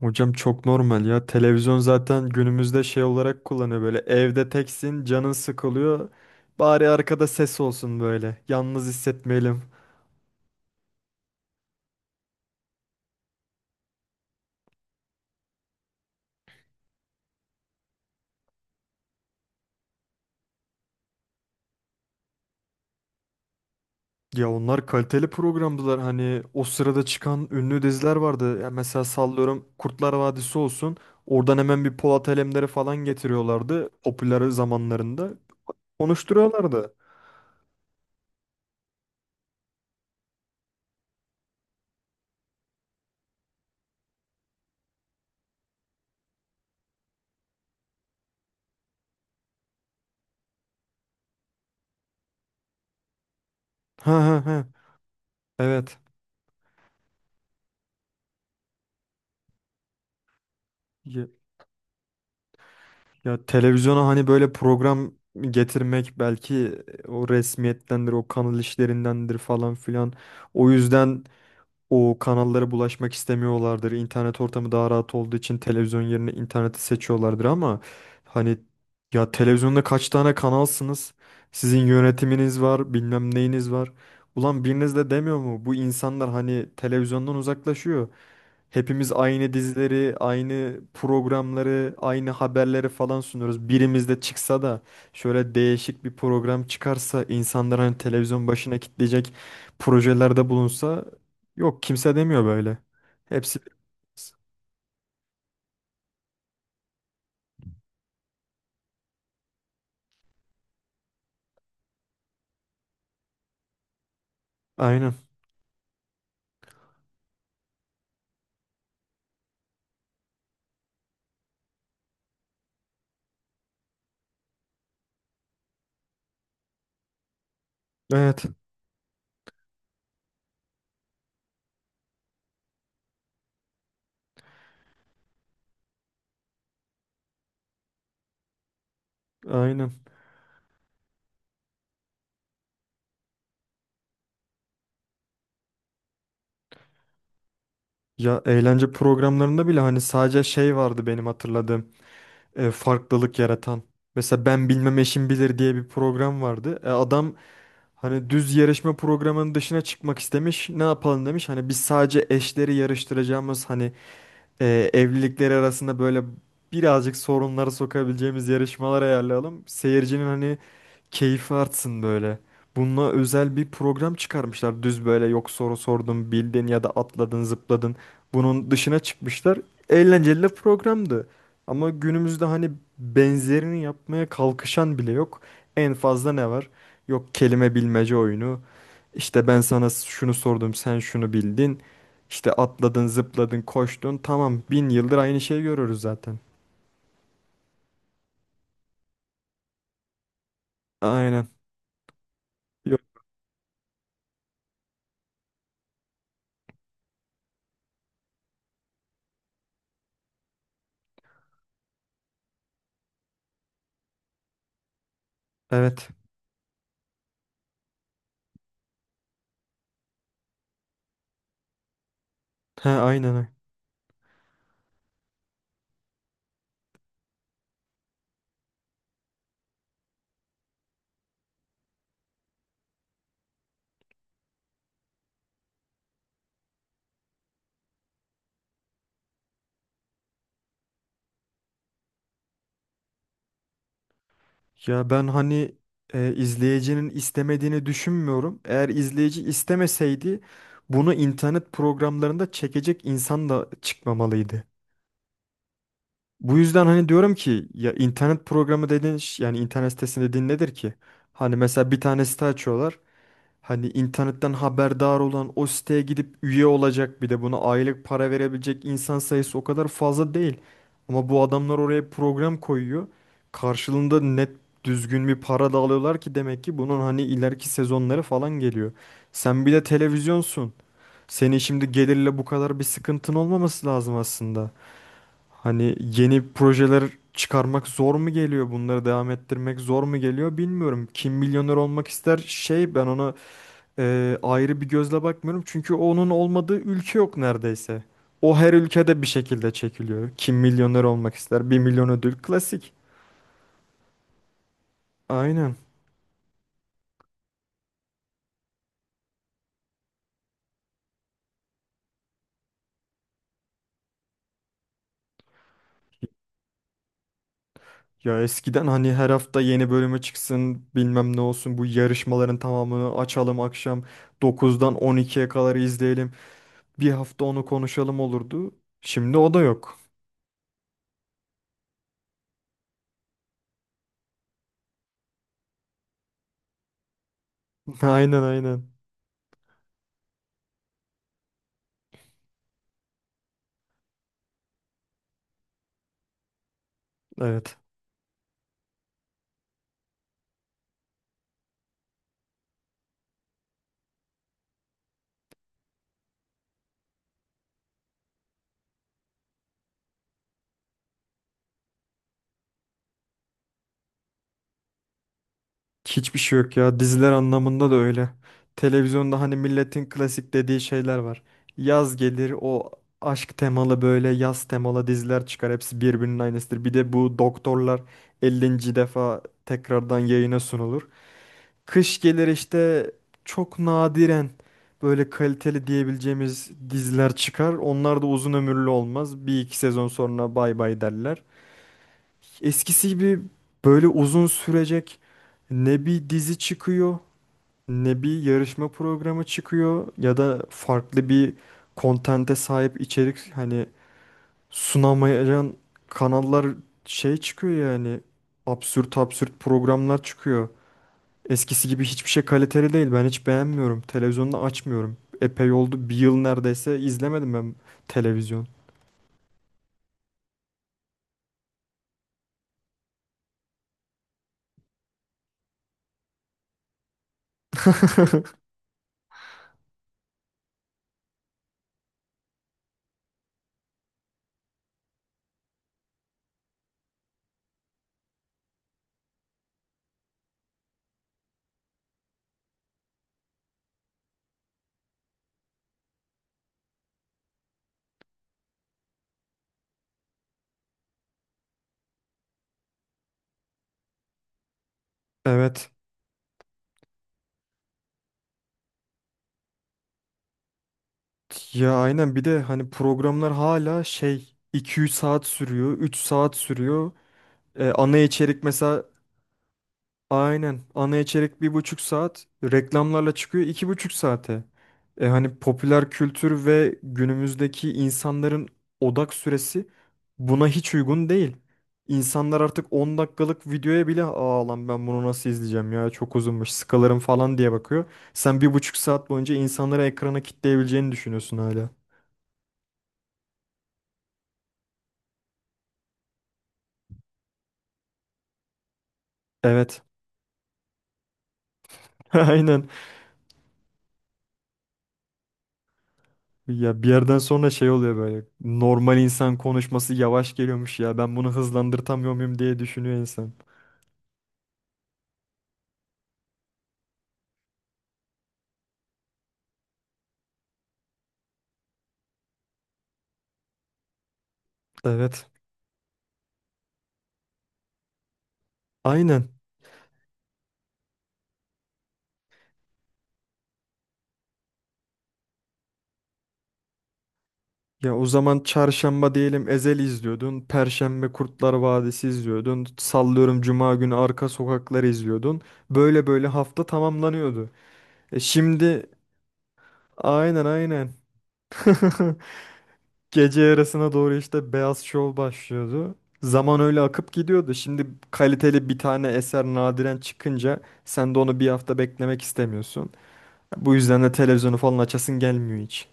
Hocam çok normal ya. Televizyon zaten günümüzde şey olarak kullanıyor böyle. Evde teksin, canın sıkılıyor. Bari arkada ses olsun böyle. Yalnız hissetmeyelim. Ya onlar kaliteli programdılar. Hani o sırada çıkan ünlü diziler vardı. Ya mesela sallıyorum Kurtlar Vadisi olsun. Oradan hemen bir Polat Alemdar'ı falan getiriyorlardı. Popüler zamanlarında. Konuşturuyorlardı. Ha ha ha. Evet. Ya televizyona hani böyle program getirmek belki o resmiyettendir, o kanal işlerindendir falan filan. O yüzden o kanallara bulaşmak istemiyorlardır. İnternet ortamı daha rahat olduğu için televizyon yerine interneti seçiyorlardır ama hani ya televizyonda kaç tane kanalsınız? Sizin yönetiminiz var, bilmem neyiniz var. Ulan biriniz de demiyor mu? Bu insanlar hani televizyondan uzaklaşıyor. Hepimiz aynı dizileri, aynı programları, aynı haberleri falan sunuyoruz. Birimiz de çıksa da şöyle değişik bir program çıkarsa, insanlar hani televizyon başına kitleyecek projelerde bulunsa. Yok, kimse demiyor böyle. Hepsi biraz. Aynen. Evet. Aynen. Ya eğlence programlarında bile hani sadece şey vardı benim hatırladığım. Farklılık yaratan. Mesela ben bilmem eşim bilir diye bir program vardı. Adam hani düz yarışma programının dışına çıkmak istemiş. Ne yapalım demiş. Hani biz sadece eşleri yarıştıracağımız hani evlilikleri arasında böyle birazcık sorunları sokabileceğimiz yarışmalar ayarlayalım. Seyircinin hani keyfi artsın böyle. Bununla özel bir program çıkarmışlar. Düz böyle yok, soru sordun, bildin ya da atladın, zıpladın. Bunun dışına çıkmışlar. Eğlenceli de programdı. Ama günümüzde hani benzerini yapmaya kalkışan bile yok. En fazla ne var? Yok, kelime bilmece oyunu. İşte ben sana şunu sordum, sen şunu bildin. İşte atladın, zıpladın, koştun. Tamam, bin yıldır aynı şeyi görürüz zaten. Aynen. Yok. Evet. He, aynen. Ya ben hani izleyicinin istemediğini düşünmüyorum. Eğer izleyici istemeseydi bunu internet programlarında çekecek insan da çıkmamalıydı. Bu yüzden hani diyorum ki ya internet programı yani internet sitesi dediğin nedir ki? Hani mesela bir tane site açıyorlar. Hani internetten haberdar olan o siteye gidip üye olacak bir de buna aylık para verebilecek insan sayısı o kadar fazla değil. Ama bu adamlar oraya program koyuyor. Karşılığında net, düzgün bir para da alıyorlar ki demek ki bunun hani ileriki sezonları falan geliyor. Sen bir de televizyonsun. Senin şimdi gelirle bu kadar bir sıkıntın olmaması lazım aslında. Hani yeni projeler çıkarmak zor mu geliyor? Bunları devam ettirmek zor mu geliyor bilmiyorum. Kim milyoner olmak ister şey, ben ona ayrı bir gözle bakmıyorum. Çünkü onun olmadığı ülke yok neredeyse. O her ülkede bir şekilde çekiliyor. Kim milyoner olmak ister? Bir milyon ödül klasik. Aynen. Ya eskiden hani her hafta yeni bölümü çıksın bilmem ne olsun bu yarışmaların tamamını açalım akşam 9'dan 12'ye kadar izleyelim. Bir hafta onu konuşalım olurdu. Şimdi o da yok. Aynen, aynen. Evet. Hiçbir şey yok ya. Diziler anlamında da öyle. Televizyonda hani milletin klasik dediği şeyler var. Yaz gelir o aşk temalı böyle yaz temalı diziler çıkar. Hepsi birbirinin aynısıdır. Bir de bu doktorlar 50. defa tekrardan yayına sunulur. Kış gelir, işte çok nadiren böyle kaliteli diyebileceğimiz diziler çıkar. Onlar da uzun ömürlü olmaz. Bir iki sezon sonra bay bay derler. Eskisi gibi böyle uzun sürecek ne bir dizi çıkıyor, ne bir yarışma programı çıkıyor ya da farklı bir kontente sahip içerik hani sunamayan kanallar şey çıkıyor yani absürt absürt programlar çıkıyor. Eskisi gibi hiçbir şey kaliteli değil. Ben hiç beğenmiyorum. Televizyonda açmıyorum. Epey oldu. Bir yıl neredeyse izlemedim ben televizyon. Evet. Ya aynen, bir de hani programlar hala şey iki üç saat sürüyor, üç saat sürüyor. Ana içerik mesela. Aynen. Ana içerik bir buçuk saat. Reklamlarla çıkıyor iki buçuk saate. E hani popüler kültür ve günümüzdeki insanların odak süresi buna hiç uygun değil. İnsanlar artık 10 dakikalık videoya bile aa lan ben bunu nasıl izleyeceğim ya çok uzunmuş sıkılırım falan diye bakıyor. Sen bir buçuk saat boyunca insanları ekrana kitleyebileceğini düşünüyorsun hala. Evet. Aynen. Ya bir yerden sonra şey oluyor böyle. Normal insan konuşması yavaş geliyormuş ya. Ben bunu hızlandırtamıyor muyum diye düşünüyor insan. Evet. Aynen. Ya o zaman çarşamba diyelim Ezel izliyordun. Perşembe Kurtlar Vadisi izliyordun. Sallıyorum cuma günü Arka Sokaklar izliyordun. Böyle böyle hafta tamamlanıyordu. E şimdi, aynen aynen. Gece yarısına doğru işte Beyaz Şov başlıyordu. Zaman öyle akıp gidiyordu. Şimdi kaliteli bir tane eser nadiren çıkınca sen de onu bir hafta beklemek istemiyorsun. Bu yüzden de televizyonu falan açasın gelmiyor hiç.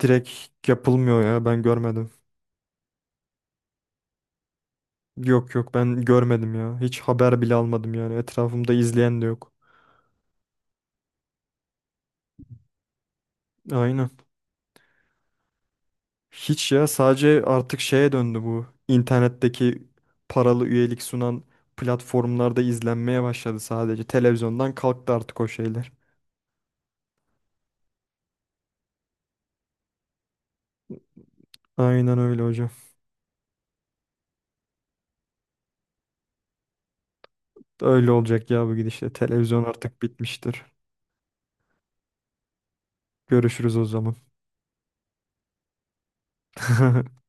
Direkt yapılmıyor ya, ben görmedim. Yok yok, ben görmedim ya. Hiç haber bile almadım yani. Etrafımda izleyen de yok. Aynen. Hiç, ya sadece artık şeye döndü bu. İnternetteki paralı üyelik sunan platformlarda izlenmeye başladı sadece. Televizyondan kalktı artık o şeyler. Aynen öyle hocam. Öyle olacak ya bu gidişle. Televizyon artık bitmiştir. Görüşürüz o zaman.